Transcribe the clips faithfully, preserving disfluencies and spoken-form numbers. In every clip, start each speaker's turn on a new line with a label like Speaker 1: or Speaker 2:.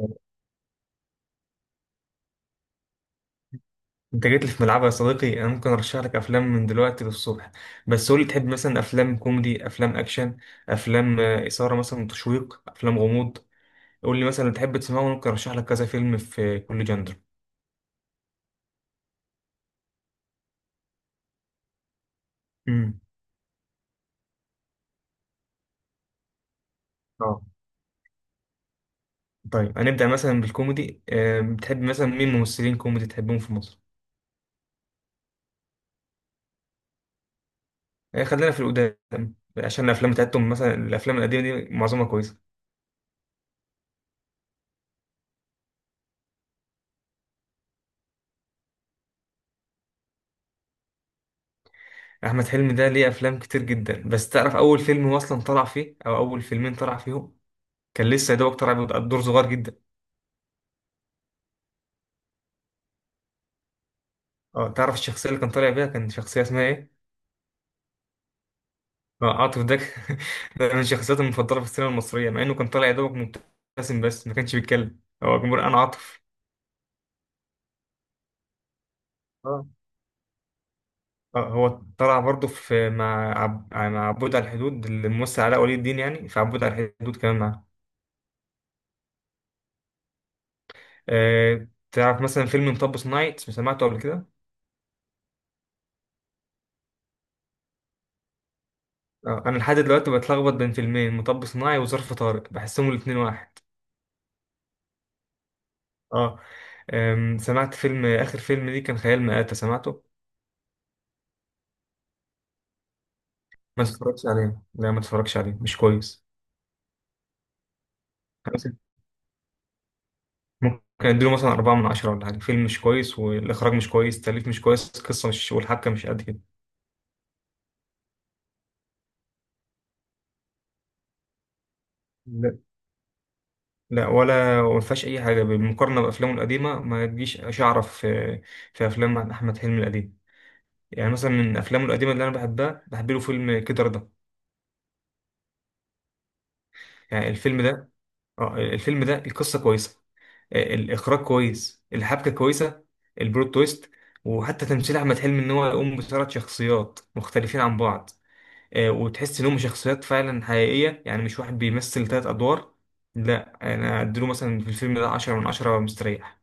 Speaker 1: انت جيت لي في ملعبي يا صديقي. انا ممكن ارشح لك افلام من دلوقتي للصبح، بس قول لي تحب مثلا افلام كوميدي، افلام اكشن، افلام آه، اثاره، مثلا تشويق، افلام غموض. قول لي مثلا تحب تسمعه ممكن ارشح لك كذا فيلم في كل جندر. امم اه. طيب هنبدا مثلا بالكوميدي، آه، بتحب مثلا مين ممثلين كوميدي تحبهم في مصر؟ آه، خلينا في القدام عشان الافلام بتاعتهم، مثلا الافلام القديمه دي معظمها كويسه. احمد حلمي ده ليه افلام كتير جدا، بس تعرف اول فيلم هو اصلا طلع فيه او اول فيلمين طلع فيهم؟ كان لسه يا دوبك طالع بدور صغير جدا. اه، تعرف الشخصيه اللي كان طالع بيها كان شخصيه اسمها ايه؟ آه، عاطف. ده ك- ده من شخصياتي المفضله في السينما المصريه، مع انه كان طالع يا دوبك مبتسم بس ما كانش بيتكلم. هو جمهور. انا عاطف. اه. اه هو طلع برضه في مع عب... مع عبود على الحدود، الممثل علاء ولي الدين، يعني في عبود على الحدود كمان معاه. أه... تعرف مثلا فيلم مطب صناعي؟ سمعته قبل كده؟ أه... انا لحد دلوقتي بتلخبط بين فيلمين، مطب صناعي وظرف طارق، بحسهم الاتنين واحد. اه. أم، سمعت فيلم آخر فيلم ليه كان خيال مآتة؟ سمعته؟ ما تتفرجش عليه، لا ما تتفرجش عليه، مش كويس. أنا مثلا ممكن أديله مثلا أربعة من عشرة ولا حاجة. فيلم مش كويس، والإخراج مش كويس، التأليف مش كويس، القصة مش والحبكة مش قد كده. لا، لا ولا ما فيهاش أي حاجة بالمقارنة بأفلامه القديمة، ما تجيش شعرة في في أفلام أحمد حلمي القديم. يعني مثلا من أفلامه القديمة اللي أنا بحبها، بحب له فيلم كده رضا. يعني الفيلم ده، اه الفيلم ده القصة كويسة، الاخراج كويس، الحبكه كويسه، البلوت تويست، وحتى تمثيل احمد حلمي ان هو يقوم بثلاث شخصيات مختلفين عن بعض، آه، وتحس انهم شخصيات فعلا حقيقيه، يعني مش واحد بيمثل ثلاث ادوار. لا انا اديله مثلا في الفيلم ده عشرة من عشرة مستريح.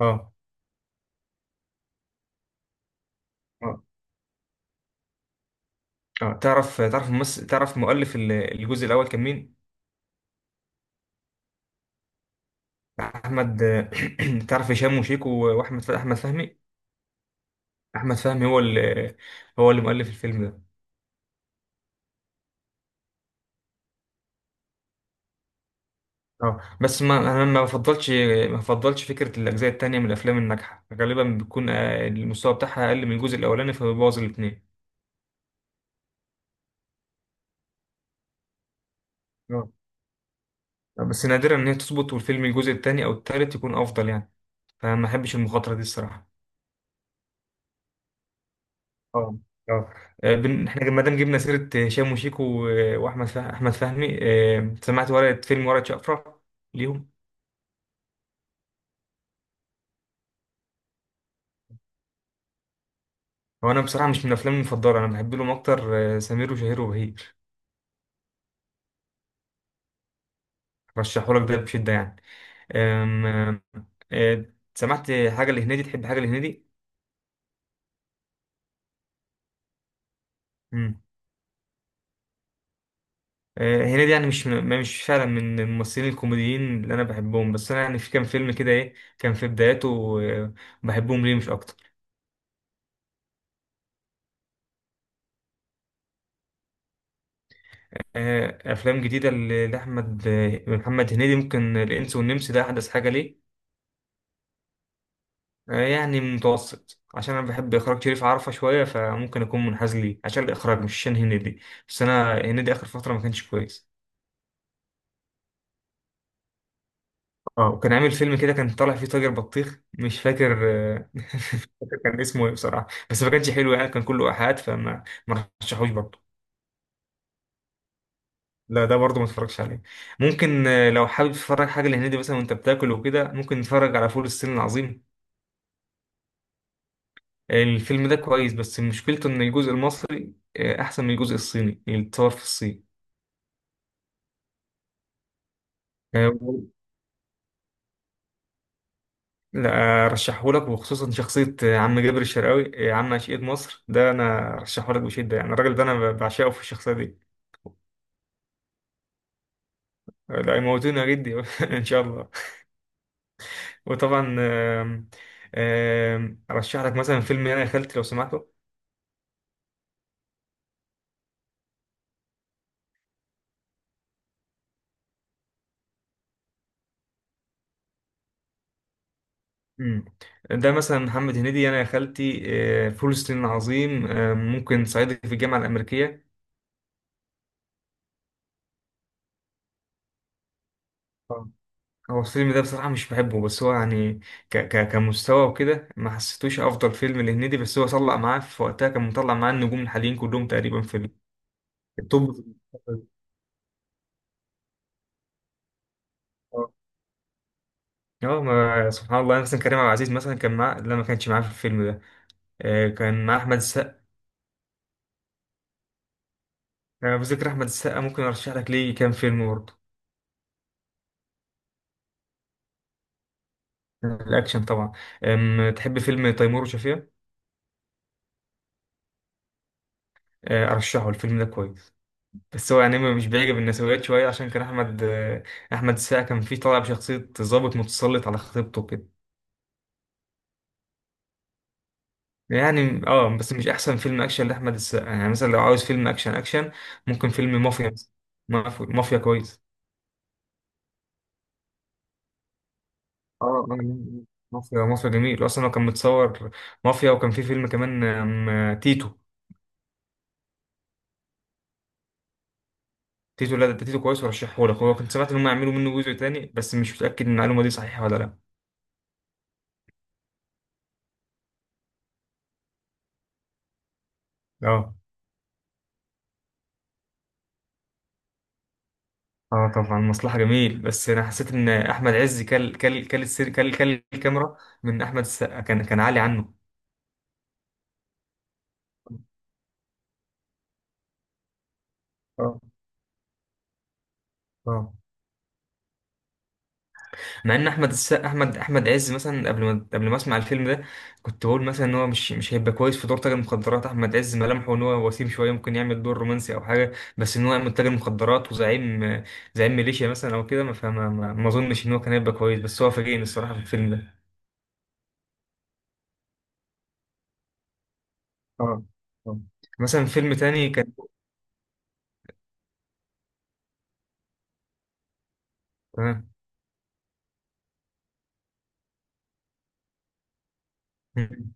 Speaker 1: اه. اه. آه. تعرف تعرف ممثل، تعرف مؤلف ال- الجزء الاول كان مين؟ احمد تعرف هشام وشيكو واحمد احمد فهمي؟ احمد فهمي هو اللي هو اللي مؤلف الفيلم ده. اه. بس ما انا ما بفضلش ما بفضلش فكره الاجزاء التانية من الافلام الناجحه، غالبا بيكون آه، المستوى بتاعها اقل من الجزء الاولاني فبيبوظ الاثنين. اه، بس نادرا ان هي تظبط والفيلم الجزء التاني او التالت يكون افضل، يعني فما احبش المخاطره دي الصراحه. اه. اه. آه، بن- احنا ما دام جبنا سيره هشام وشيكو و- واحمد فه... احمد فهمي، آه، سمعت ورقه فيلم ورقه شقفره ليهم؟ هو انا بصراحه مش من افلامي المفضله، انا بحب لهم اكتر آه، سمير وشهير وبهير. رشحهولك ده بشده يعني. أم... أم، أه، سمعت حاجة لهنيدي؟ تحب حاجة لهنيدي؟ مم. أه، هنيدي يعني مش من... مش فعلا من الممثلين الكوميديين اللي أنا بحبهم، بس أنا يعني في كام فيلم كده إيه كان في بداياته أه، بحبهم ليه، مش أكتر. أه، أفلام جديدة ل- لأحمد أه، محمد هنيدي، ممكن الإنس والنمس ده أحدث حاجة ليه. أه، يعني متوسط، عشان أنا بحب إخراج شريف عرفة شوية فممكن أكون منحاز ليه عشان الإخراج مش عشان هنيدي. بس أنا هنيدي آخر فترة ما كانش كويس. اه، وكان عامل فيلم كده كان طالع فيه تاجر بطيخ، مش فاكر آه، مش فاكر كان اسمه ايه بصراحه، بس ما كانش حلو يعني كان كله ايحاءات، فما ما رشحوش برضه. لا، ده برضه ما اتفرجش عليه. ممكن آه، لو حابب تتفرج حاجه لهنيدي مثلا وانت بتاكل وكده، ممكن تتفرج على فول الصين العظيم. الفيلم ده كويس بس مشكلته ان الجزء المصري آه، احسن من الجزء الصيني اللي اتصور في الصين. آه، لا رشحهولك، وخصوصا شخصية آه، عم جابر الشرقاوي، آه، عم أشقية مصر. ده أنا رشحهولك بشدة يعني، الراجل ده أنا بعشقه في الشخصية دي. لا يموتونا جدي ان شاء الله. وطبعا آم، آم، ارشح لك مثلا فيلم انا يا خالتي لو سمحته. مم. ده مثلا محمد هنيدي، انا يا خالتي، آه، فول الصين العظيم، آه، ممكن صعيدي في الجامعه الامريكيه. آه. هو الفيلم ده بصراحه مش بحبه، بس هو يعني ك ك كمستوى وكده ما حسيتوش افضل فيلم لهنيدي، بس هو طلع معاه في وقتها كان مطلع معاه النجوم الحاليين كلهم تقريبا في ال- التوب في الفترة دي. آه. اه، ما سبحان الله، مثلا كريم عبد العزيز مثلا كان معاه، لا ما كانش معاه في الفيلم ده. آه، كان مع أحمد السقا. أنا بذكر أحمد السقا ممكن أرشح لك ليه كام فيلم برضه. الأكشن طبعا. أم، تحب فيلم تيمور وشفيقة؟ آه، أرشحه، الفيلم ده كويس، بس هو يعني مش بيعجب النسويات شوية عشان كان أحمد آه، أحمد السقا كان فيه طالع بشخصية ضابط متسلط على خطيبته كده. يعني اه، بس مش أحسن فيلم أكشن لأحمد السقا، يعني مثلا لو عاوز فيلم أكشن أكشن ممكن فيلم مافيا مثلا. مافيا مافيا كويس. اه. آه، مافيا مافيا جميل، اصلا هو كان متصور مافيا. وكان في فيلم كمان آم، تيتو. تيتو، لا ده تيتو كويس ورشحه لك، هو كنت سمعت ان هم يعملوا منه جزء تاني بس مش متاكد ان المعلومه دي صحيحه ولا لا. اه. اه طبعا، مصلحه جميل، بس انا حسيت ان احمد عز كل كل كل السير، كل كل الكاميرا من احمد السقا كان كان عالي عنه. اه. اه. مع ان احمد السقا، احمد احمد عز مثلا قبل ما قبل ما اسمع الفيلم ده كنت بقول مثلا ان هو مش مش هيبقى كويس في دور تاجر مخدرات. احمد عز ملامحه ان هو وسيم شويه، ممكن يعمل دور رومانسي او حاجه، بس ان هو يعمل تاجر مخدرات وزعيم، زعيم ميليشيا مثلا او كده، ما فما ما ما اظنش ان هو كان هيبقى كويس، بس هو فاجئني الصراحه في الفيلم ده. اه. آه. مثلا فيلم تاني كان آه.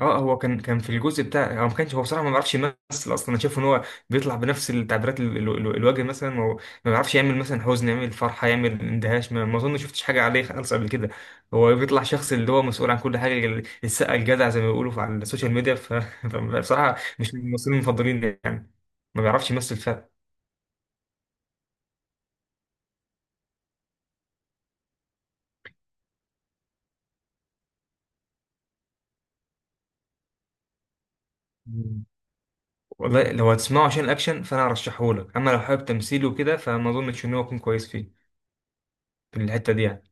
Speaker 1: اه، هو كان كان في الجزء بتاع هو، ما كانش هو بصراحه ما بيعرفش يمثل اصلا. انا شايف ان هو بيطلع بنفس التعبيرات ال- ال- ال- الوجه، مثلا هو ما بيعرفش يعمل مثلا حزن، يعمل فرحه، يعمل اندهاش، ما ما اظن شفتش حاجه عليه خالص قبل كده. هو بيطلع شخص اللي هو مسؤول عن كل حاجه، ال- السقا الجدع زي ما بيقولوا في- على السوشيال ميديا ف- فبصراحه مش من الممثلين المفضلين يعني، ما بيعرفش يمثل فعلا. مم. والله لو هتسمعه عشان الاكشن فانا ارشحهولك، اما لو حابب تمثيله وكده فما اظنش ان هو يكون كويس فيه، في الحته دي يعني.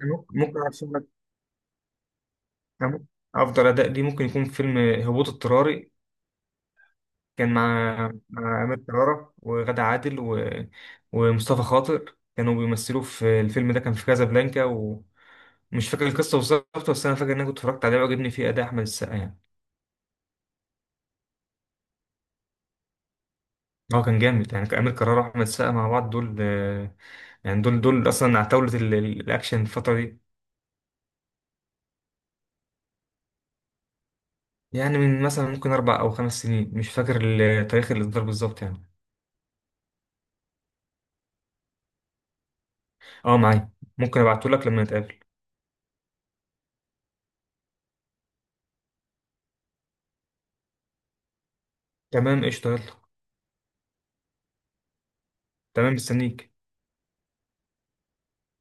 Speaker 1: ممكن ممكن أفضل أداء ليه ممكن يكون فيلم هبوط اضطراري. كان مع مع أمير كرارة وغادة عادل و... ومصطفى خاطر، كانوا بيمثلوا في الفيلم ده. كان في كازابلانكا ومش فاكر القصة بالظبط، بس أنا فاكر إن أنا كنت اتفرجت عليه وعجبني فيه أداء أحمد السقا يعني. هو كان جامد، يعني أمير كرارة وأحمد السقا مع بعض دول آه، يعني دول دول أصلا عتاولة ال- ال- الأكشن الفترة دي. يعني من مثلا ممكن أربع أو خمس سنين، مش فاكر ال- تاريخ الإصدار بالظبط يعني. أه معايا، ممكن أبعتهولك لما نتقابل. تمام قشطة يلا. تمام مستنيك.